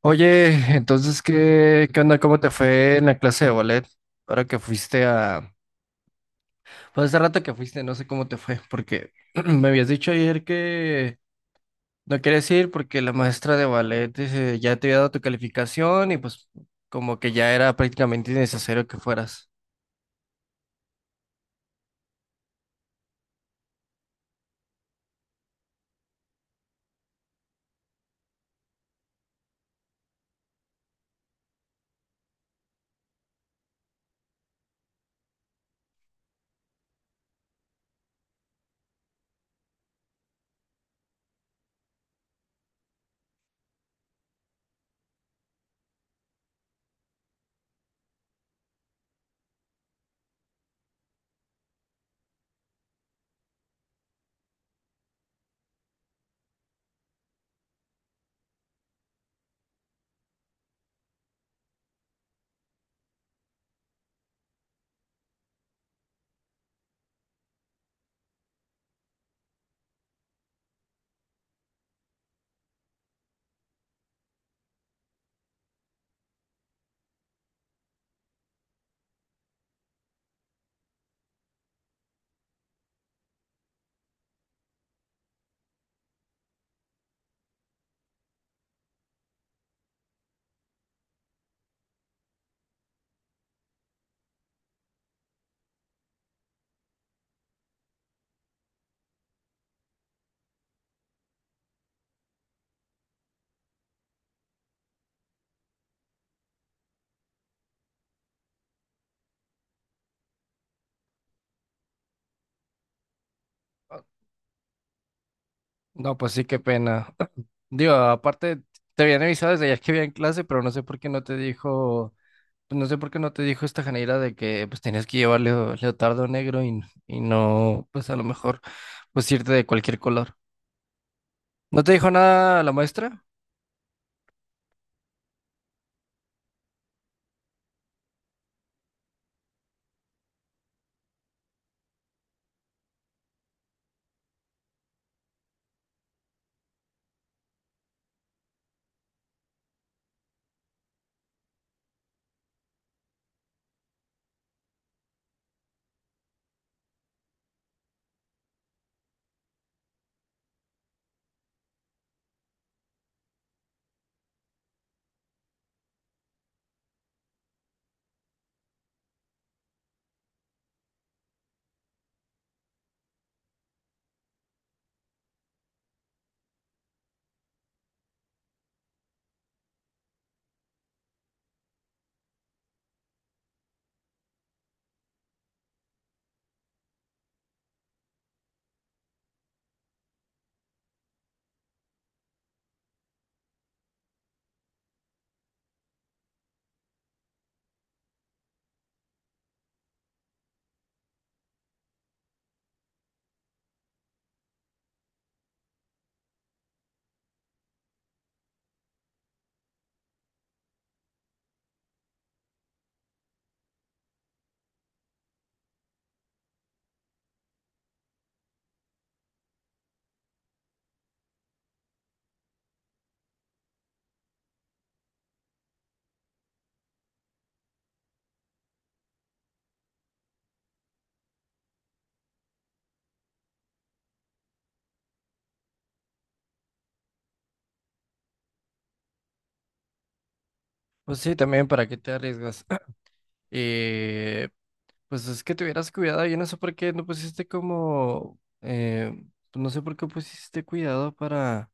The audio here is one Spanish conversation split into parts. Oye, entonces, ¿qué onda? ¿Cómo te fue en la clase de ballet? Ahora que fuiste a... Pues hace rato que fuiste, no sé cómo te fue, porque me habías dicho ayer que no querías ir porque la maestra de ballet ya te había dado tu calificación y pues como que ya era prácticamente innecesario que fueras. Ah, no, pues sí, qué pena. Digo, aparte, te habían avisado desde ayer que había en clase, pero no sé por qué no te dijo. Pues no sé por qué no te dijo esta Janeira de que pues tenías que llevar leotardo negro y no, pues a lo mejor, pues irte de cualquier color. ¿No te dijo nada la maestra? Pues sí, también para qué te arriesgas. Y pues es que te hubieras cuidado. Yo no sé por qué no pusiste como, pues no sé por qué pusiste cuidado para,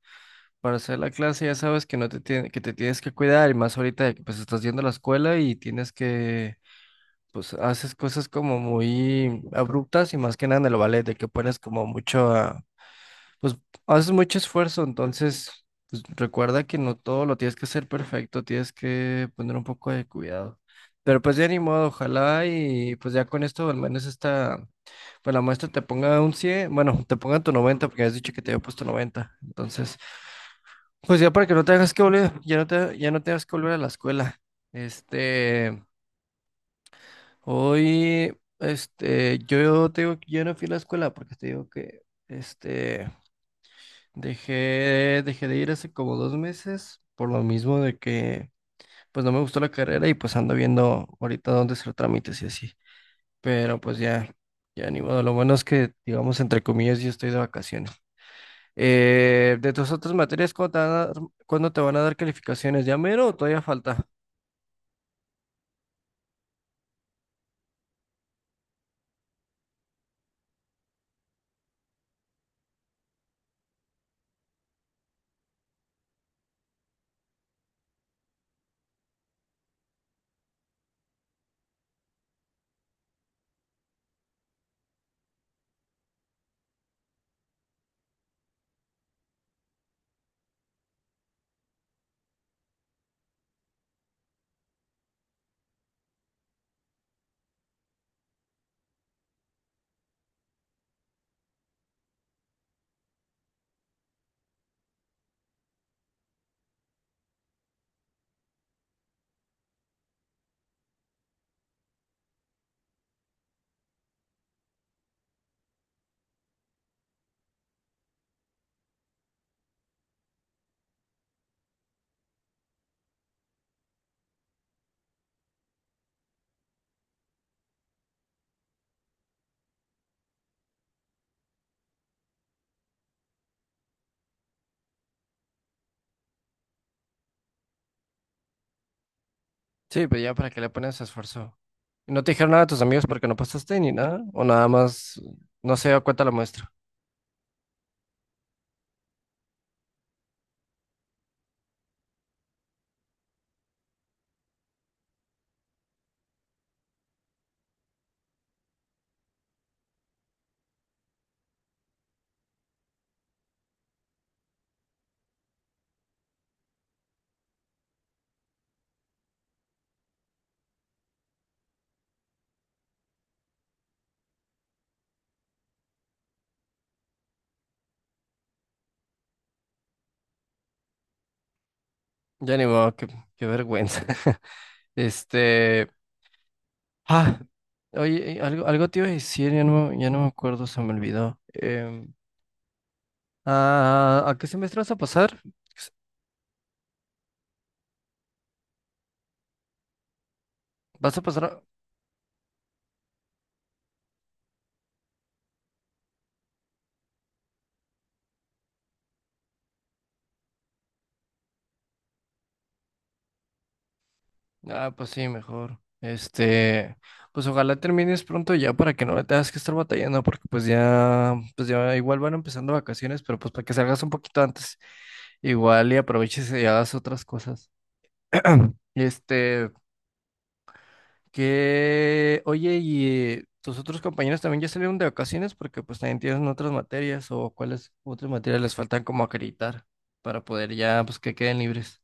para hacer la clase. Ya sabes que no te tiene- que te tienes que cuidar y más ahorita de que pues estás yendo a la escuela y tienes que pues haces cosas como muy abruptas y más que nada en el ballet, de que pones como mucho, pues haces mucho esfuerzo, entonces pues, recuerda que no todo lo tienes que hacer perfecto, tienes que poner un poco de cuidado. Pero pues ya ni modo, ojalá y pues ya con esto al menos esta, pues la muestra te ponga un 100 bueno, te ponga tu 90 porque has dicho que te había puesto noventa. Entonces, pues ya para que no tengas que volver, ya no tengas que volver a la escuela. Este, Hoy, yo te digo que yo no fui a la escuela porque te digo que, este, dejé de ir hace como dos meses por lo mismo de que, pues no me gustó la carrera y pues ando viendo ahorita dónde hacer trámites y así. Pero pues ya, ya ni modo. Lo bueno es que, digamos, entre comillas, yo estoy de vacaciones. De tus otras materias, ¿Cuándo te van a dar calificaciones? ¿Ya mero o todavía falta? Sí, pues ya para que le pones esfuerzo. ¿No te dijeron nada a tus amigos porque no pasaste ni nada? ¿O nada más no se dio cuenta la muestra? Ya ni modo, qué vergüenza. Este. Ah, oye, algo te iba a decir, ya no, ya no me acuerdo, se me olvidó. ¿A qué semestre vas a pasar? ¿Vas a pasar? Ah, pues sí, mejor. Pues ojalá termines pronto ya para que no le tengas que estar batallando, porque pues ya igual van empezando vacaciones, pero pues para que salgas un poquito antes, igual y aproveches y hagas otras cosas. Este, que, oye, ¿y tus otros compañeros también ya salieron de vacaciones? Porque pues también tienen otras materias o cuáles otras materias les faltan como acreditar para poder ya, pues que queden libres.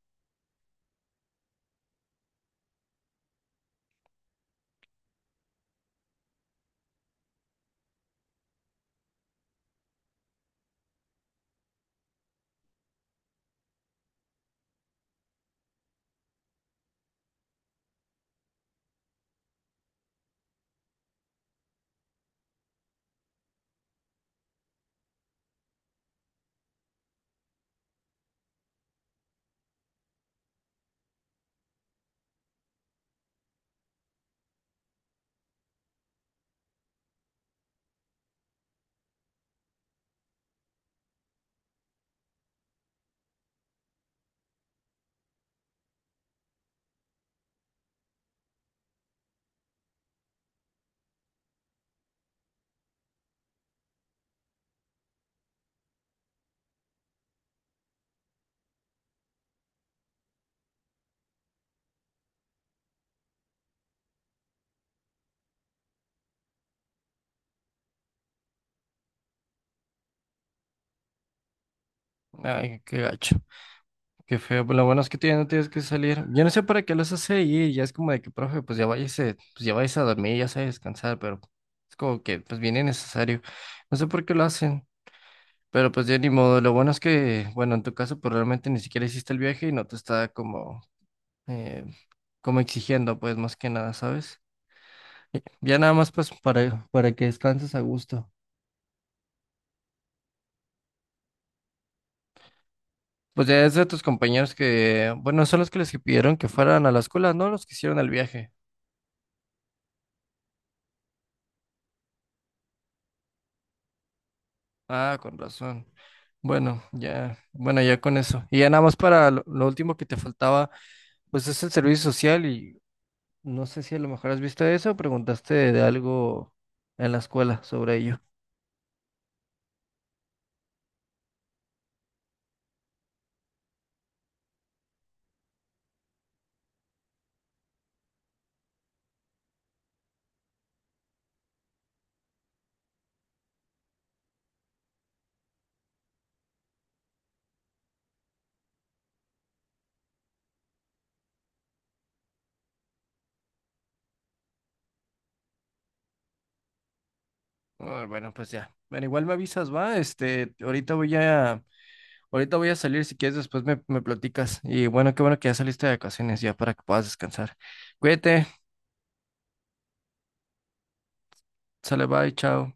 Ay, qué gacho. Qué feo, pues lo bueno es que tú ya no tienes que salir. Yo no sé para qué los hace ir, ya es como de que, profe, pues ya váyase a dormir, ya se a descansar, pero es como que, pues viene necesario. No sé por qué lo hacen, pero pues ya ni modo. Lo bueno es que, bueno, en tu caso, pues realmente ni siquiera hiciste el viaje y no te está eh, como exigiendo, pues más que nada, ¿sabes? Y ya nada más, pues para que descanses a gusto. Pues ya es de tus compañeros que, bueno, son los que les pidieron que fueran a la escuela, ¿no? Los que hicieron el viaje. Ah, con razón. Bueno, ya, bueno, ya con eso. Y ya nada más para lo último que te faltaba, pues es el servicio social y no sé si a lo mejor has visto eso o preguntaste de algo en la escuela sobre ello. Ah, bueno, pues ya. Bueno, igual me avisas, va. Ahorita voy a salir, si quieres después me platicas. Y bueno, qué bueno que ya saliste de vacaciones ya para que puedas descansar. Cuídate, sale, bye, chao.